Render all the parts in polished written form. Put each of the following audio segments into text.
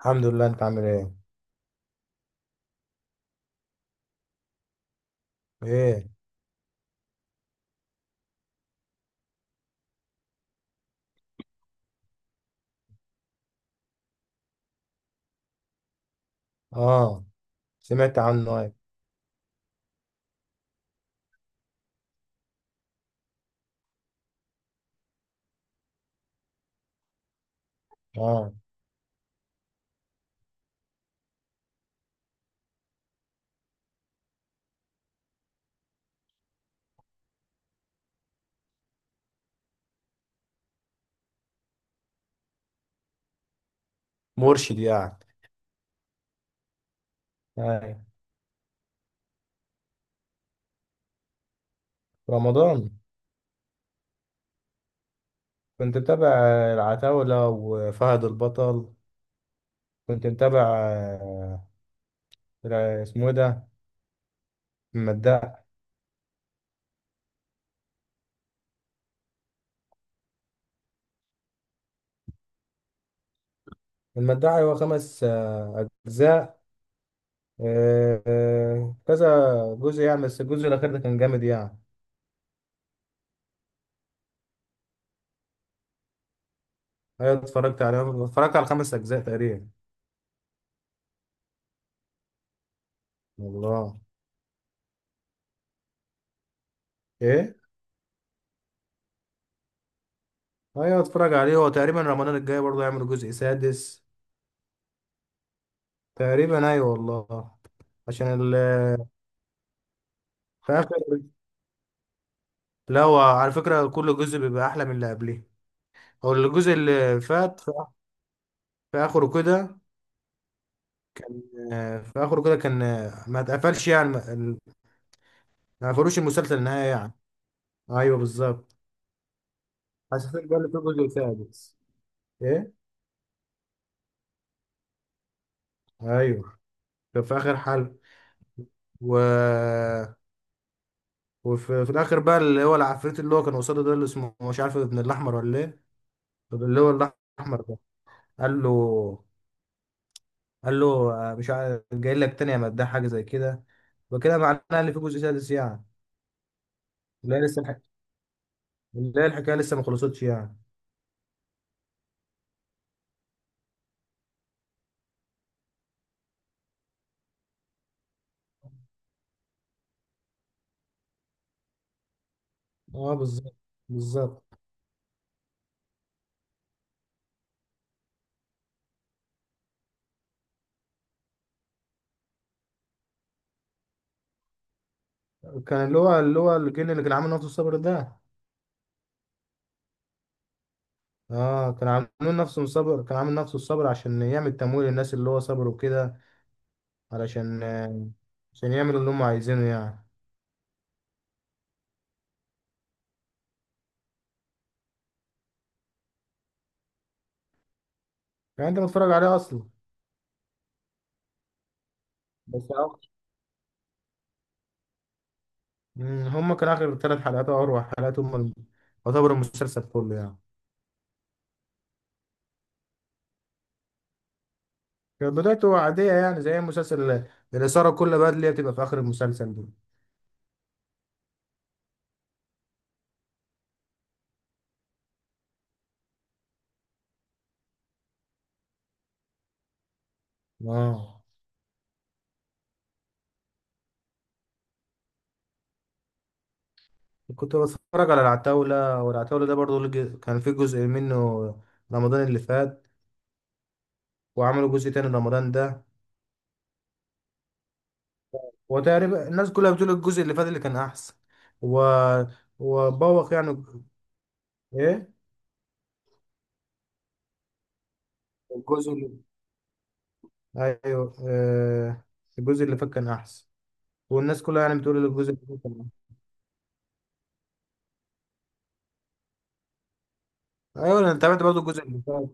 الحمد لله، انت عامل ايه؟ ايه. اه، سمعت عنه. ايه؟ اه، مرشد يعني. ايه. رمضان. كنت متابع العتاولة وفهد البطل. كنت متابع، اسمه ايه ده؟ المداح. المداح هو خمس، اجزاء. كذا جزء يعني، بس الجزء الاخير ده كان جامد يعني. ايوه اتفرجت عليه، اتفرجت على خمس اجزاء تقريبا. والله. ايه. ايوه اتفرج عليه، هو تقريبا رمضان الجاي برضه هيعمل جزء سادس. تقريبا ايوه والله. عشان ال... في اخر. لا هو على فكره كل جزء بيبقى احلى من اللي قبليه. هو الجزء اللي فات في، في اخره كده كان في اخره كده كان ما اتقفلش يعني، ما قفلوش المسلسل نهائي يعني. ايوه بالظبط. حسيت بقى اللي في جزء سادس. ايه. ايوه، كان في اخر حلقه، و... وفي الاخر بقى اللي هو العفريت اللي هو كان قصاده ده، اللي اسمه مش عارف ابن الاحمر ولا ايه. اللي هو الاحمر ده قال له، قال له مش عارف جاي لك تاني يا مداح، حاجه زي كده. وكده معناه ان في جزء سادس يعني. لا لسه الح... لا الحكايه لسه ما خلصتش يعني. اه بالظبط، بالظبط. كان اللي هو الجن اللي كان عامل نفسه الصبر ده. اه كان عامل نفسه الصبر، عشان يعمل تمويل للناس اللي هو صبروا كده. علشان عشان يعملوا اللي هم عايزينه يعني. يعني انت متفرج عليه اصلا. بس هم كان اخر ثلاث حلقات او اروع حلقات هم ال- يعتبر المسلسل كله يعني. كانت بدايته عادية يعني، زي مسلسل الإثارة كل بقى اللي هي بتبقى في آخر المسلسل دي. اه. كنت بتفرج على العتاولة، والعتاولة ده برضو لج- كان في جزء منه رمضان اللي فات، وعملوا جزء تاني رمضان ده. وتقريبا الناس كلها بتقول الجزء اللي فات اللي كان أحسن، و... وبوخ يعني. إيه. الجزء اللي أيوه الجزء اللي فات كان أحسن، والناس كلها يعني بتقول الجزء اللي فات كان أحسن. أيوه أنا تابعت برضو الجزء اللي فات.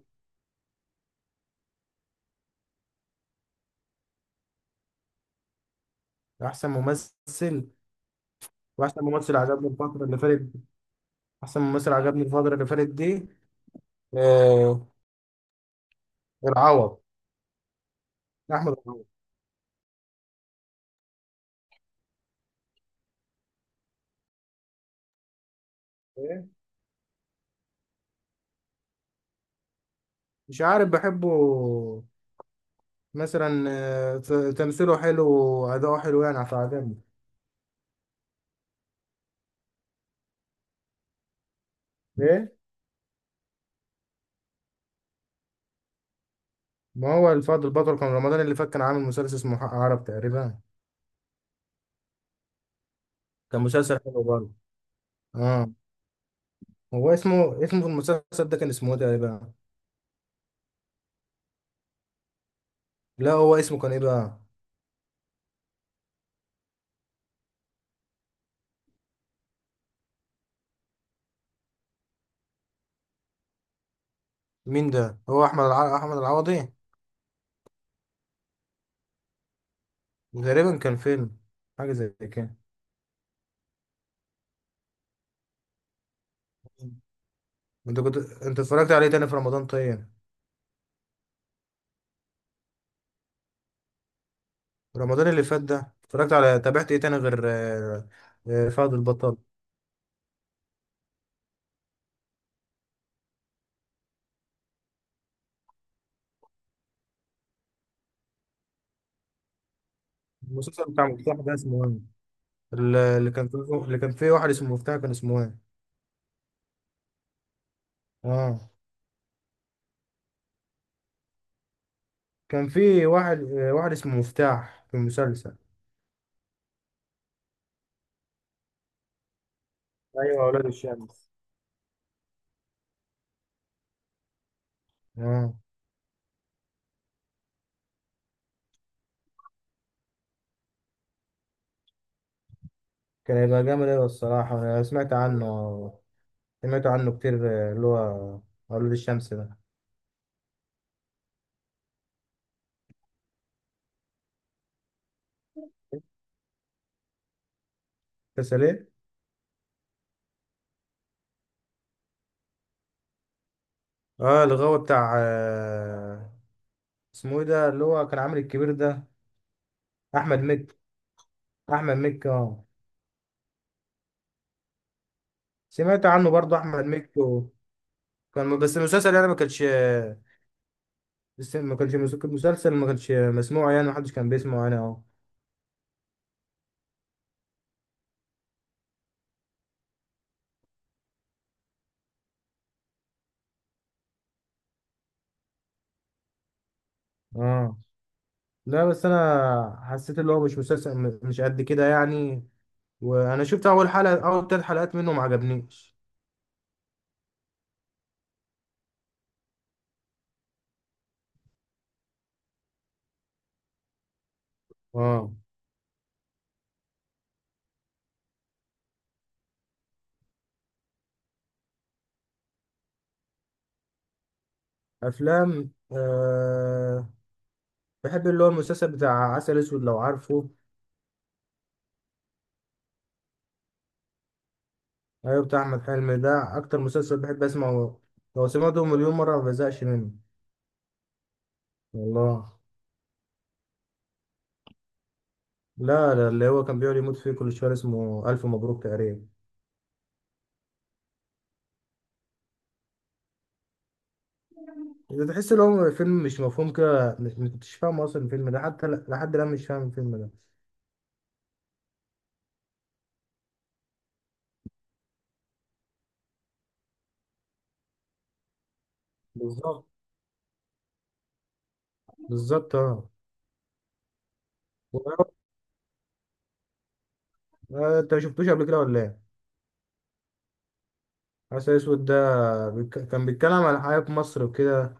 أحسن ممثل. واحسن ممثل عجبني الفترة اللي فاتت دي، احسن ممثل عجبني الفترة اللي فاتت دي آه، العوض. احمد العوض. إيه؟ مش عارف بحبه، مثلا ت- تمثيله حلو واداؤه حلو يعني فعجبني. ايه. ما هو الفضل البطل كان رمضان اللي فات كان عامل مسلسل اسمه حق عرب تقريبا. كان مسلسل حلو برضه. اه. هو اسمه في المسلسل ده كان اسمه ايه تقريبا؟ لا هو اسمه كان ايه بقى؟ مين ده؟ هو احمد الع... احمد العوضي. تقريبا كان فيلم، حاجة زي كده. انت كنت اتفرجت عليه تاني في رمضان طيب؟ رمضان اللي فات ده اتفرجت على، تابعت ايه تاني غير فهد البطل. المسلسل بتاع مفتاح ده اسمه ايه؟ اللي كان فيه، اللي كان فيه واحد اسمه مفتاح، كان اسمه ايه؟ اه كان فيه واحد، واحد اسمه مفتاح في المسلسل. ايوه، اولاد الشمس. اه كان هيبقى جامد ايوه. الصراحة انا سمعت عنه، سمعت عنه كتير. آه، اللي هو اولاد الشمس ده. مسلسل ايه؟ اه الغاوي بتاع اسمه ايه ده اللي هو كان عامل الكبير ده؟ احمد مكي. احمد مكي اه. سمعت عنه برضه احمد مكي، و- كان بس المسلسل يعني ما كانش، بس ما كانش مس- مسلسل ما كانش مسموع يعني، ما حدش كان بيسمعه انا. اه. اه لا، بس انا حسيت اللي هو مش مسلسل م- مش قد كده يعني، وانا شفت اول حلقة، اول ثلاث حلقات منه ما عجبنيش. اه. افلام أه. بحب اللي هو المسلسل بتاع عسل اسود لو عارفه. ايوه بتاع احمد حلمي ده، اكتر مسلسل بحب اسمعه، لو سمعته مليون مرة ما بزهقش منه. والله. لا اللي هو كان بيقعد يموت فيه كل شويه اسمه الف مبروك تقريبا. ده تحس ان هو فيلم مش مفهوم كده، مش ما كنتش فاهم اصلا الفيلم ده، حتى ل- لحد الان مش فاهم الفيلم ده. بالظبط، بالظبط اه. و- انت ما شفتوش قبل كده ولا ايه؟ عسل اسود ده بيك- كان بيتكلم عن الحياه في مصر وكده،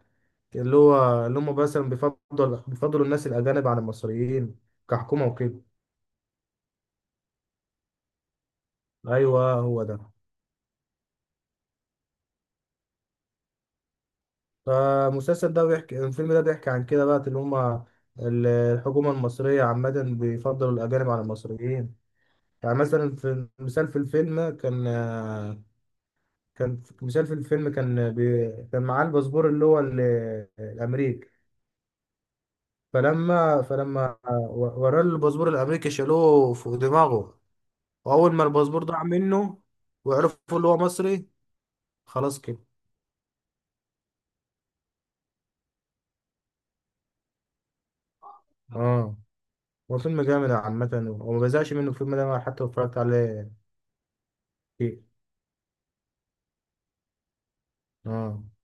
اللي هو اللي هم مثلا بيفضلوا الناس الاجانب على المصريين كحكومه وكده. ايوه هو ده. فالمسلسل ده بيحكي، الفيلم ده بيحكي عن كده بقى اللي هما ال- الحكومة المصرية عامة بيفضلوا الأجانب على المصريين. يعني مثلا في مثال في الفيلم كان، مثال في الفيلم كان بي كان معاه الباسبور اللي هو ال- الأمريكي، فلما وراه الباسبور الأمريكي شالوه فوق دماغه، وأول ما الباسبور ضاع منه وعرفوا اللي هو مصري، خلاص كده. اه. هو فيلم جامد عامة وما بزهقش منه الفيلم ده حتى لو اتفرجت عليه كتير. اه.